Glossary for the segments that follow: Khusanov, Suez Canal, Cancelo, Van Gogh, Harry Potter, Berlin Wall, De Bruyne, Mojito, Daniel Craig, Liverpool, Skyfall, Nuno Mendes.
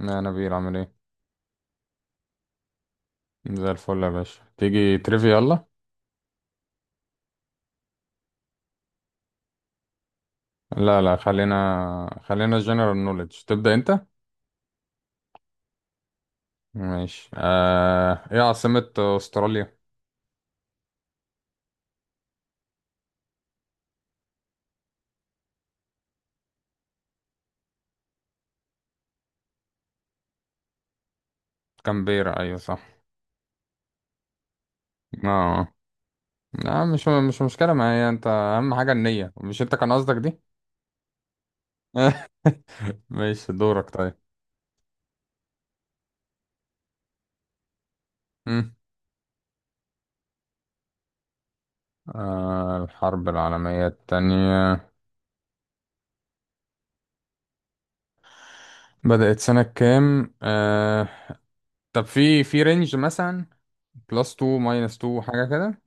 لا، نبيل عامل ايه؟ زي الفل يا باشا. تيجي تريفي؟ يلا. لا لا، خلينا جنرال نوليدج. تبدأ انت. ماشي. ايه عاصمة استراليا؟ كامبيرا، ايوه صح. اه، لا مش مشكلة معايا. انت اهم حاجة النية، مش انت كان قصدك دي. ماشي دورك طيب مم. الحرب العالمية التانية بدأت سنة كام؟ طب في رينج مثلا، بلس 2 ماينس 2، حاجة كده.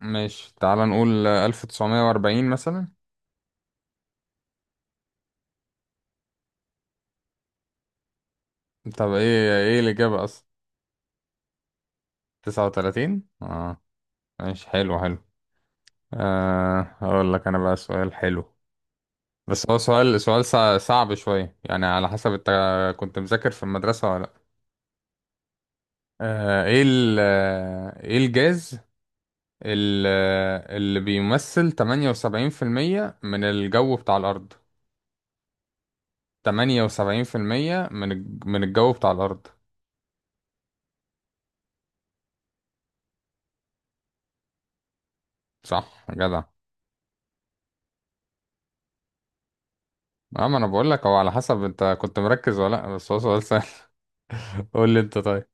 ماشي، تعال نقول 1940 مثلا. طب ايه الإجابة أصلا؟ 39، اه. ماشي، حلو حلو. هقول لك أنا بقى سؤال حلو. بس هو سؤال صعب شوية، يعني على حسب أنت كنت مذاكر في المدرسة ولا لأ. ايه الجاز، اللي بيمثل 78% من الجو بتاع الأرض؟ 78% من من الجو بتاع الأرض. صح، جدع. اما انا بقول لك، هو على حسب انت كنت مركز ولا لا، بس هو سؤال سهل. قول لي انت طيب.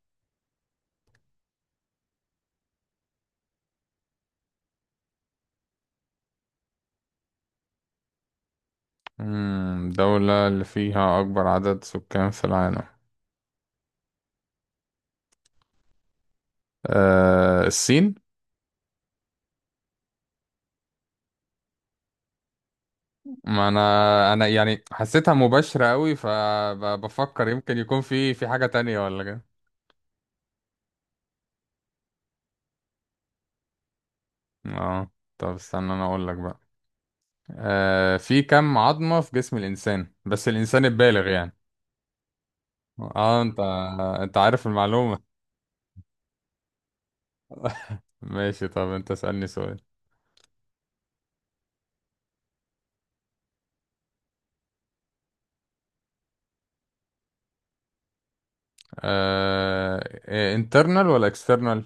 دولة اللي فيها اكبر عدد سكان في العالم؟ أه الصين. ما انا يعني حسيتها مباشرة قوي، فبفكر يمكن يكون في حاجة تانية ولا كده. اه. طب استنى انا اقول لك بقى. أه في كم عظمة في جسم الانسان، بس الانسان البالغ يعني؟ اه انت عارف المعلومة. ماشي طب انت اسألني سؤال. آه... انترنال ولا اكسترنال؟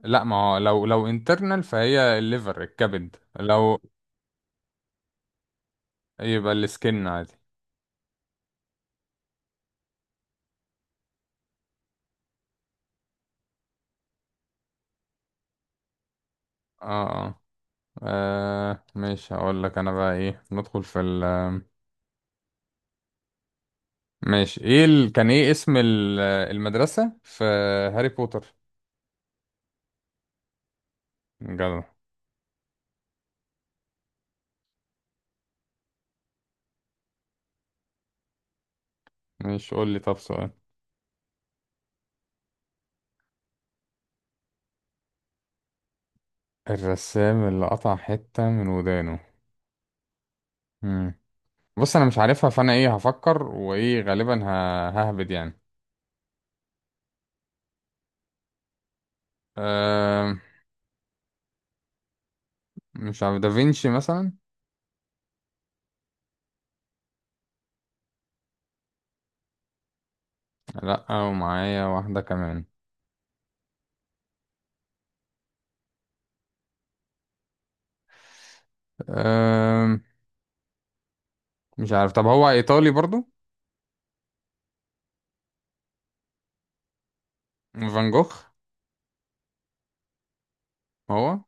لا، ما هو لو انترنال فهي الليفر، الكبد، لو. يبقى السكن عادي. اه اه. ماشي هقول لك انا بقى. ايه ندخل في ال ماشي. ايه كان ايه اسم المدرسة في هاري بوتر؟ جدع. ماشي قول لي طب سؤال. الرسام اللي قطع حتة من ودانه؟ مم. بص، انا مش عارفها، فانا ايه هفكر، وايه غالبا ههبد يعني. آه، مش عارف، دافينشي مثلا؟ لا ومعايا واحدة كمان. أم... مش عارف. طب هو ايطالي برضو؟ فان جوخ. هو.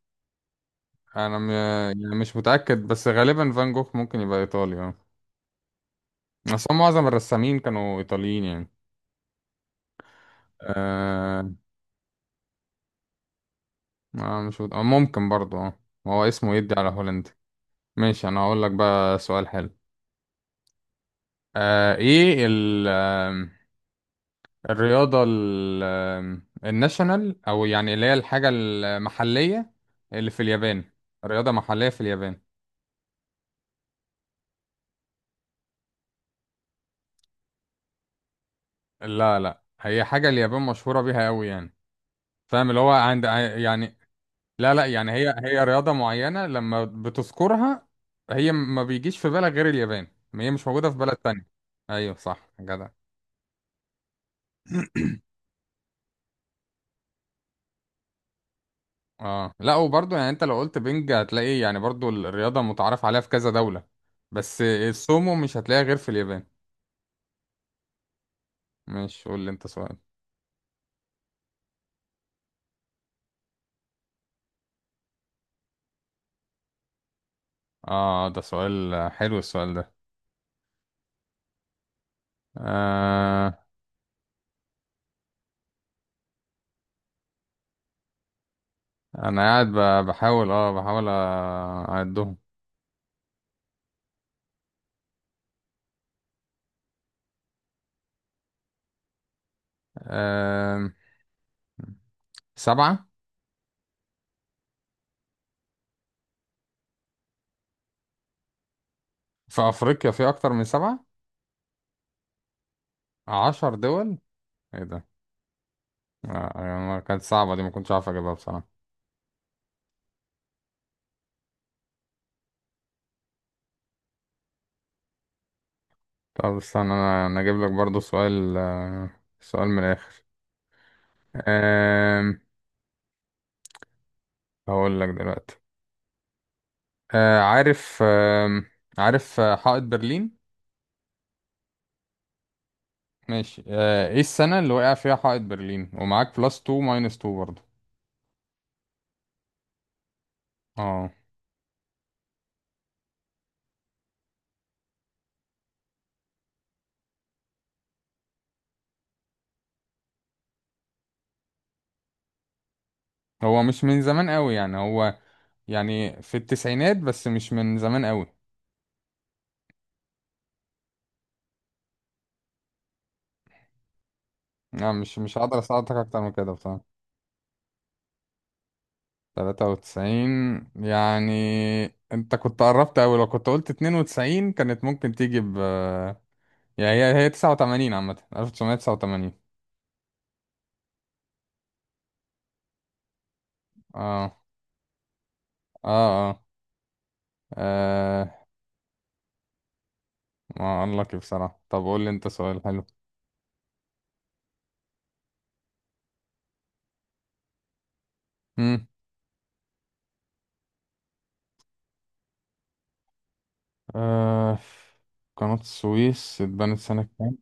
انا م... يعني مش متأكد، بس غالبا فان جوخ ممكن يبقى ايطالي، اه. بس هم معظم الرسامين كانوا ايطاليين يعني. أه... آه، مش مت... آه، ممكن برضو، اه. هو اسمه يدي على هولندي. ماشي، انا هقول لك بقى سؤال حلو. أه... ايه ال... الرياضة ال- آم، الناشونال، أو يعني اللي هي الحاجة المحلية اللي في اليابان. رياضة محلية في اليابان. لا لا، هي حاجة اليابان مشهورة بيها أوي يعني. فاهم اللي هو عند يعني. لا لا، يعني هي رياضة معينة لما بتذكرها. هي ما بيجيش في بالك غير اليابان. هي مش موجودة في بلد تانية. أيوة صح، جدع. اه لا، وبرضه يعني انت لو قلت بينج هتلاقي يعني برضه الرياضة متعارف عليها في كذا دولة. بس السومو مش هتلاقيها غير في اليابان. ماشي قول لي انت سؤال. اه، ده سؤال، حلو السؤال ده. آه. انا قاعد بحاول اعدهم. آه، سبعة. في افريقيا في اكتر من سبعة. 10 دول؟ ايه ده! آه، يعني كانت صعبة دي، ما كنتش عارف اجيبها بصراحة. طب استنى، انا اجيب لك برضو سؤال. سؤال من الاخر. آه هقول لك دلوقتي. آه، عارف حائط برلين؟ ماشي. ايه السنة اللي وقع فيها حائط برلين؟ ومعاك بلس 2 ماينس 2 برضه. اه، هو مش من زمان قوي يعني، هو يعني في التسعينات، بس مش من زمان قوي. لا، مش هقدر اساعدك اكتر من كده بصراحة. 93 يعني؟ انت كنت قربت قوي، لو كنت قلت 92 كانت ممكن تيجي ب. يعني هي 89 عامة، 1989. اه، اه، اه، آه. ما اقول لك إيه بصراحة. طب قول لي انت سؤال. حلو. آه، قناة السويس اتبنت سنة كام؟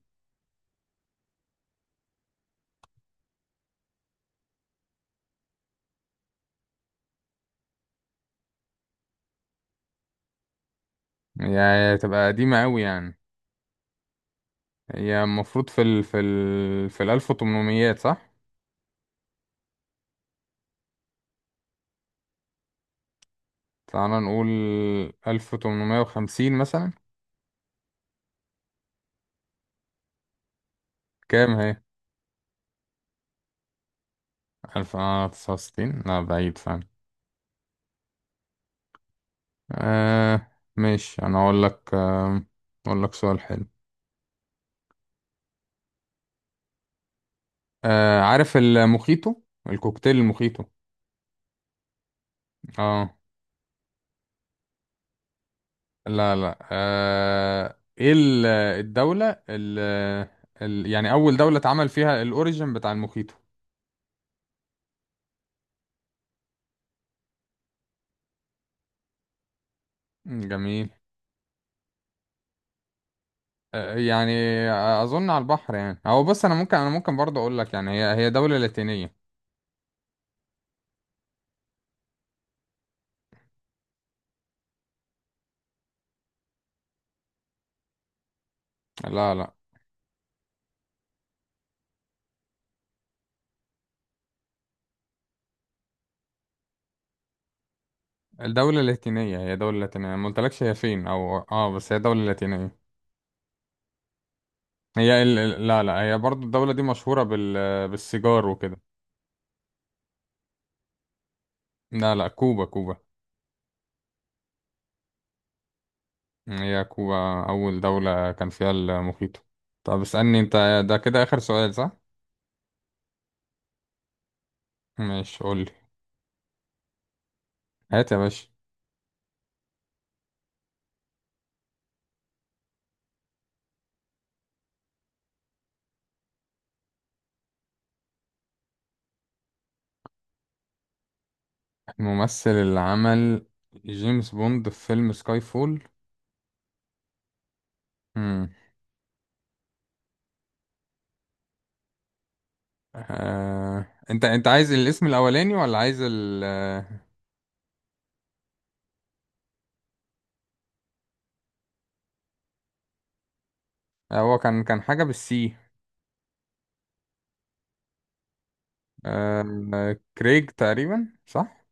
يعني تبقى قديمة أوي يعني. هي المفروض في ال في ال في الألف وتمنميات، صح؟ تعالى نقول 1850 مثلا. كام هي؟ 1869؟ لا بعيد فعلا. آه، ماشي. أنا أقول لك أقول لك سؤال حلو. آه، عارف المخيطو؟ الكوكتيل المخيطو. اه، لا لا. ايه ال- الدولة ال ال يعني أول دولة اتعمل فيها الأوريجن بتاع الموخيتو؟ مم، جميل. يعني أظن على البحر يعني. هو، بص، أنا ممكن برضه أقول لك، يعني هي دولة لاتينية. لا لا، الدولة اللاتينية هي دولة لاتينية، ما قلتلكش هي فين أو بس هي دولة لاتينية. هي لا لا، هي برضه الدولة دي مشهورة بالسيجار وكده. لا لا، كوبا كوبا. هي كوبا أول دولة كان فيها المخيط. طب اسألني أنت. ده كده آخر سؤال صح؟ ماشي، قولي. هات يا باشا. الممثل اللي عمل جيمس بوند في فيلم سكاي فول؟ مم. أنت عايز الاسم الأولاني ولا عايز ال آه، هو كان حاجة بالسي، كريج تقريبا صح؟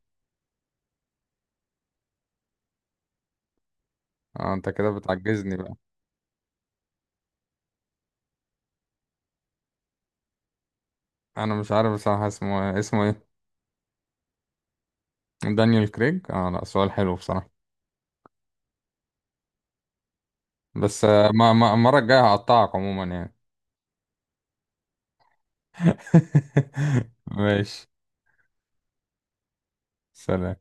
اه، أنت كده بتعجزني بقى. أنا مش عارف بصراحة اسمه إيه، اسمه إيه. دانيال كريج، اه. لا سؤال حلو بصراحة. بس ما المرة الجاية هقطعك عموما يعني. ماشي. سلام.